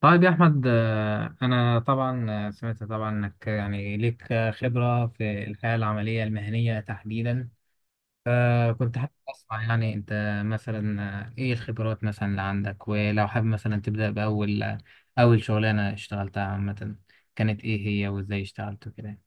طيب يا أحمد، أنا طبعا، سمعت طبعا إنك يعني ليك خبرة في الحياة العملية المهنية تحديدا. كنت حابب أسمع، يعني أنت مثلا، إيه الخبرات مثلا اللي عندك؟ ولو حابب مثلا تبدأ بأول أول شغلانة اشتغلتها عامة، كانت إيه هي؟ وإزاي اشتغلت وكده؟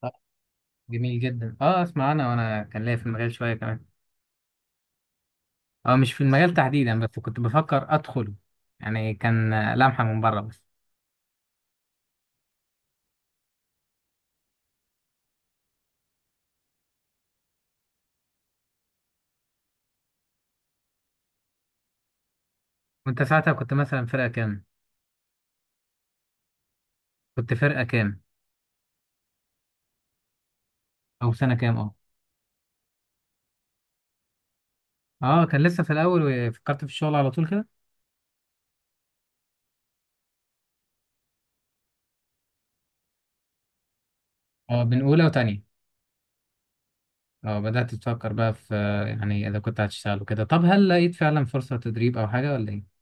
طيب، جميل جدا. أسمع، أنا وأنا كان ليا في المجال شوية كمان. مش في المجال تحديدا، بس كنت بفكر أدخله، يعني كان لمحة من بره بس. وأنت ساعتها كنت مثلا فرقة كام؟ كنت فرقة كام؟ او سنه كام؟ اه. اه، كان لسه في الاول، وفكرت في الشغل على طول كده. اه، بين اولى وتانية. اه، بدات تفكر بقى في يعني اذا كنت هتشتغل وكده. طب هل لقيت فعلا فرصه تدريب او حاجه ولا ايه؟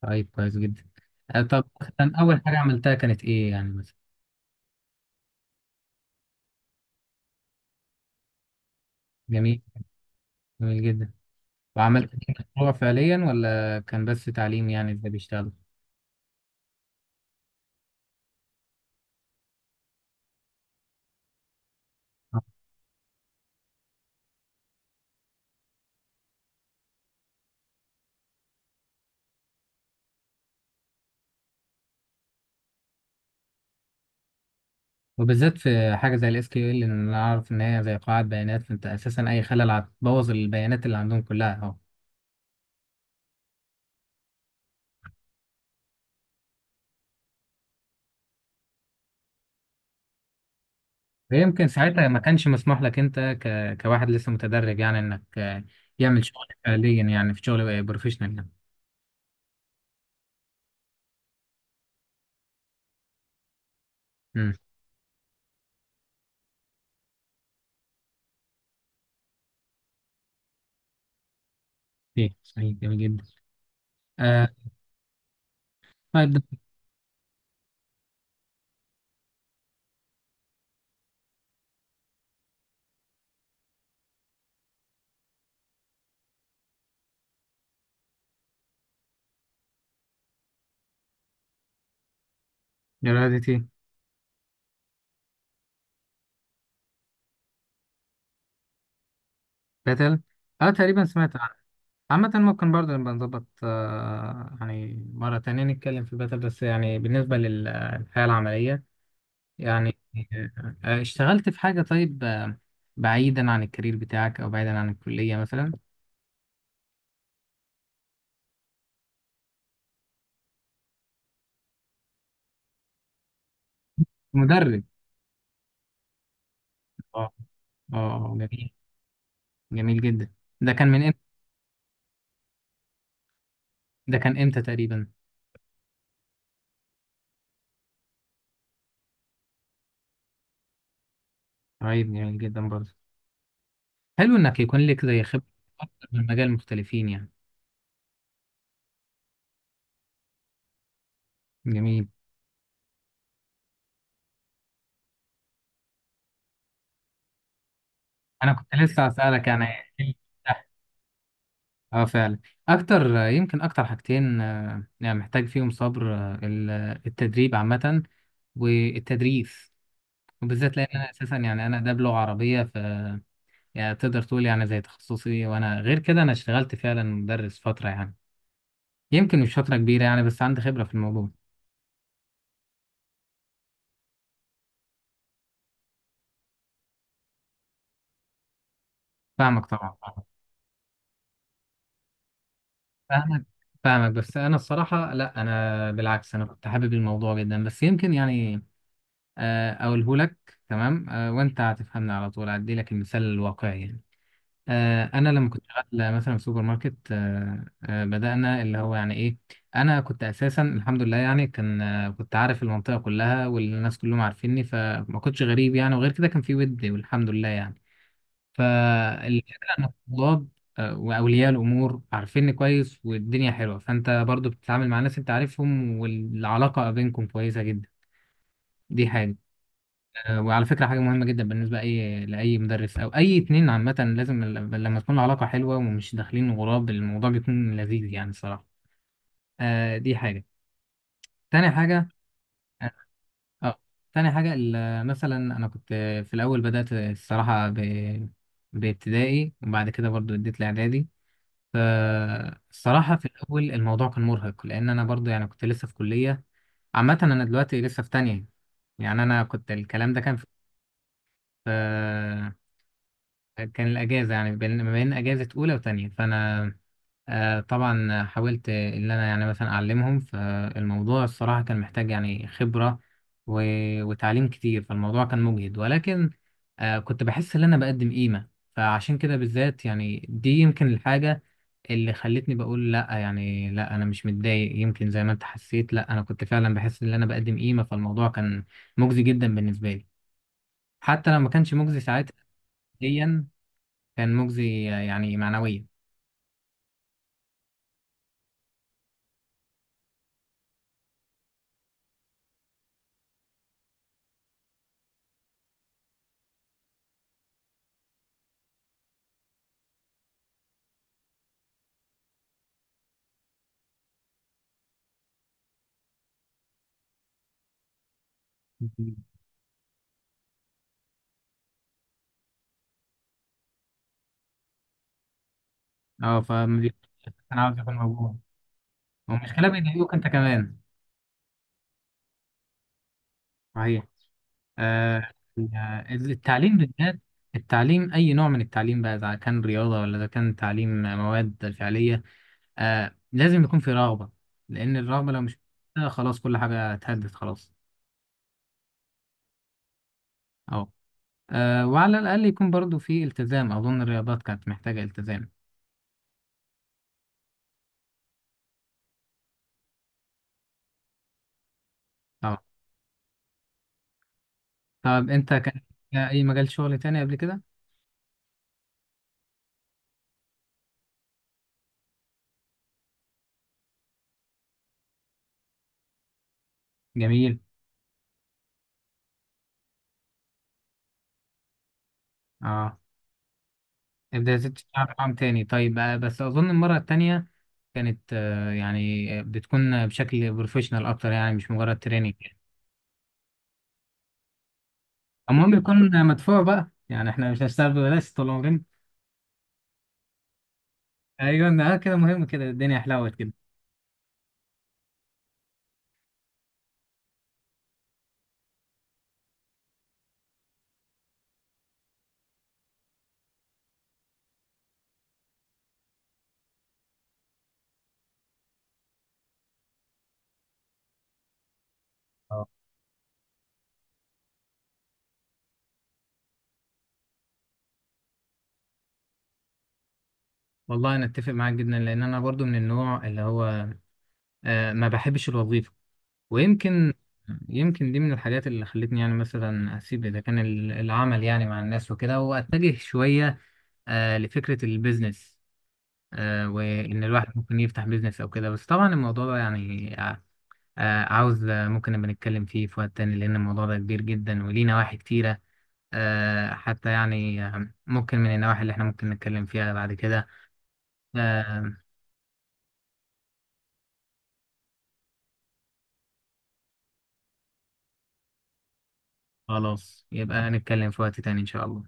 طيب، كويس جدا. طب مثلا اول حاجه عملتها كانت ايه يعني مثلا؟ جميل. جميل جدا. وعملت إيه؟ مشروع فعليا ولا كان بس تعليم يعني ازاي بيشتغلوا؟ آه. وبالذات في حاجه زي SQL، ان انا اعرف ان هي زي قاعده بيانات، فانت اساسا اي خلل هتبوظ البيانات اللي عندهم كلها اهو. فيمكن ساعتها ما كانش مسموح لك، انت كواحد لسه متدرب، يعني انك يعمل شغل فعليا، يعني في شغل بروفيشنال يعني. امم ايه، صحيح، جميل جدا. آه طيب، ده رياضة ايه؟ باتل. اه، تقريبا سمعت عنه. عامة ممكن برضه نبقى نظبط، يعني مرة تانية نتكلم في باتل، بس يعني بالنسبة للحياة العملية يعني آه اشتغلت في حاجة طيب، بعيدا عن الكارير بتاعك او بعيدا عن الكلية مثلا؟ مدرب. اه، اه، جميل. جميل جدا. ده كان من امتى؟ ده كان امتى تقريبا؟ طيب، جميل جدا برضه، حلو انك يكون لك زي خبرة اكتر من مجال مختلفين يعني. جميل. انا كنت لسه هسألك يعني، إيه ده؟ اه، فعلا. اكتر، يمكن اكتر حاجتين يعني محتاج فيهم صبر، التدريب عامة، والتدريس. وبالذات لان انا اساسا يعني انا ده بلغة عربية، ف، يعني تقدر تقول يعني زي تخصصي، وانا غير كده انا اشتغلت فعلا مدرس فترة يعني. يمكن مش فترة كبيرة يعني، بس عندي خبرة في الموضوع. فاهمك طبعا. فاهمك، فاهمك، بس انا الصراحه لا، انا بالعكس، انا كنت حابب الموضوع جدا بس يمكن يعني. اقوله لك تمام، وانت هتفهمني على طول، هدي لك المثال الواقعي يعني. انا لما كنت شغال مثلا في سوبر ماركت، بدانا اللي هو يعني ايه. انا كنت اساسا الحمد لله، يعني كان، كنت عارف المنطقه كلها والناس كلهم عارفيني، فما كنتش غريب يعني، وغير كده كان في ود والحمد لله يعني. فالفكرة إن الطلاب وأولياء الأمور عارفيني كويس، والدنيا حلوة، فأنت برضو بتتعامل مع ناس أنت عارفهم، والعلاقة ما بينكم كويسة جدا. دي حاجة. وعلى فكرة، حاجة مهمة جدا بالنسبة لأي مدرس أو أي اتنين عامة، لازم لما تكون العلاقة حلوة ومش داخلين غراب، الموضوع بيكون لذيذ يعني الصراحة. دي حاجة. تاني حاجة. اه، آه، تاني حاجة، مثلا أنا كنت في الأول بدأت الصراحة بابتدائي، وبعد كده برضو اديت لإعدادي. فالصراحة في الأول الموضوع كان مرهق، لأن أنا برضو يعني كنت لسه في كلية. عامة أنا دلوقتي لسه في تانية. يعني أنا كنت، الكلام ده كان في آه، كان الأجازة يعني ما بين أجازة أولى وتانية، فأنا طبعا حاولت إن أنا يعني مثلا أعلمهم، فالموضوع الصراحة كان محتاج يعني خبرة وتعليم كتير، فالموضوع كان مجهد ولكن كنت بحس إن أنا بقدم قيمة. فعشان كده بالذات يعني، دي يمكن الحاجة اللي خلتني بقول لا، يعني لا انا مش متضايق يمكن زي ما انت حسيت، لا انا كنت فعلا بحس ان انا بقدم قيمه، فالموضوع كان مجزي جدا بالنسبه لي. حتى لو ما كانش مجزي ساعتها ماديا، كان مجزي يعني معنويا. مم. اه، فما انا عاوز اكون موجود. والمشكله بيضايقوك انت كمان. صحيح. آه. التعليم بالذات، التعليم اي نوع من التعليم بقى، اذا كان رياضه ولا اذا كان تعليم مواد فعليه، لازم يكون في رغبة. لأن الرغبة لو مش موجودة، خلاص كل حاجة اتهدت خلاص. أهو. وعلى الأقل يكون برضو في التزام، أظن الرياضات كانت محتاجة التزام. طبعا. طب أنت كان أي مجال شغل تاني قبل كده؟ جميل. أه ابدأ تشتغل رقم تاني. طيب، بس أظن المرة التانية كانت، يعني بتكون بشكل بروفيشنال أكتر، يعني مش مجرد تريننج. المهم يكون مدفوع بقى، يعني احنا مش هنشتغل ببلاش طول عمرنا. أيوة. كده مهم، كده الدنيا حلوت كده. والله انا اتفق معاك جدا، لان انا برضو من النوع اللي هو ما بحبش الوظيفه. ويمكن دي من الحاجات اللي خلتني يعني مثلا اسيب، اذا كان العمل يعني مع الناس وكده، واتجه شويه لفكره البيزنس. وان الواحد ممكن يفتح بيزنس او كده، بس طبعا الموضوع ده يعني، عاوز ممكن نبقى نتكلم فيه في وقت تاني، لان الموضوع ده كبير جدا وليه نواحي كتيره. حتى يعني ممكن من النواحي اللي احنا ممكن نتكلم فيها بعد كده. آه، خلاص، يبقى هنتكلم في وقت تاني إن شاء الله.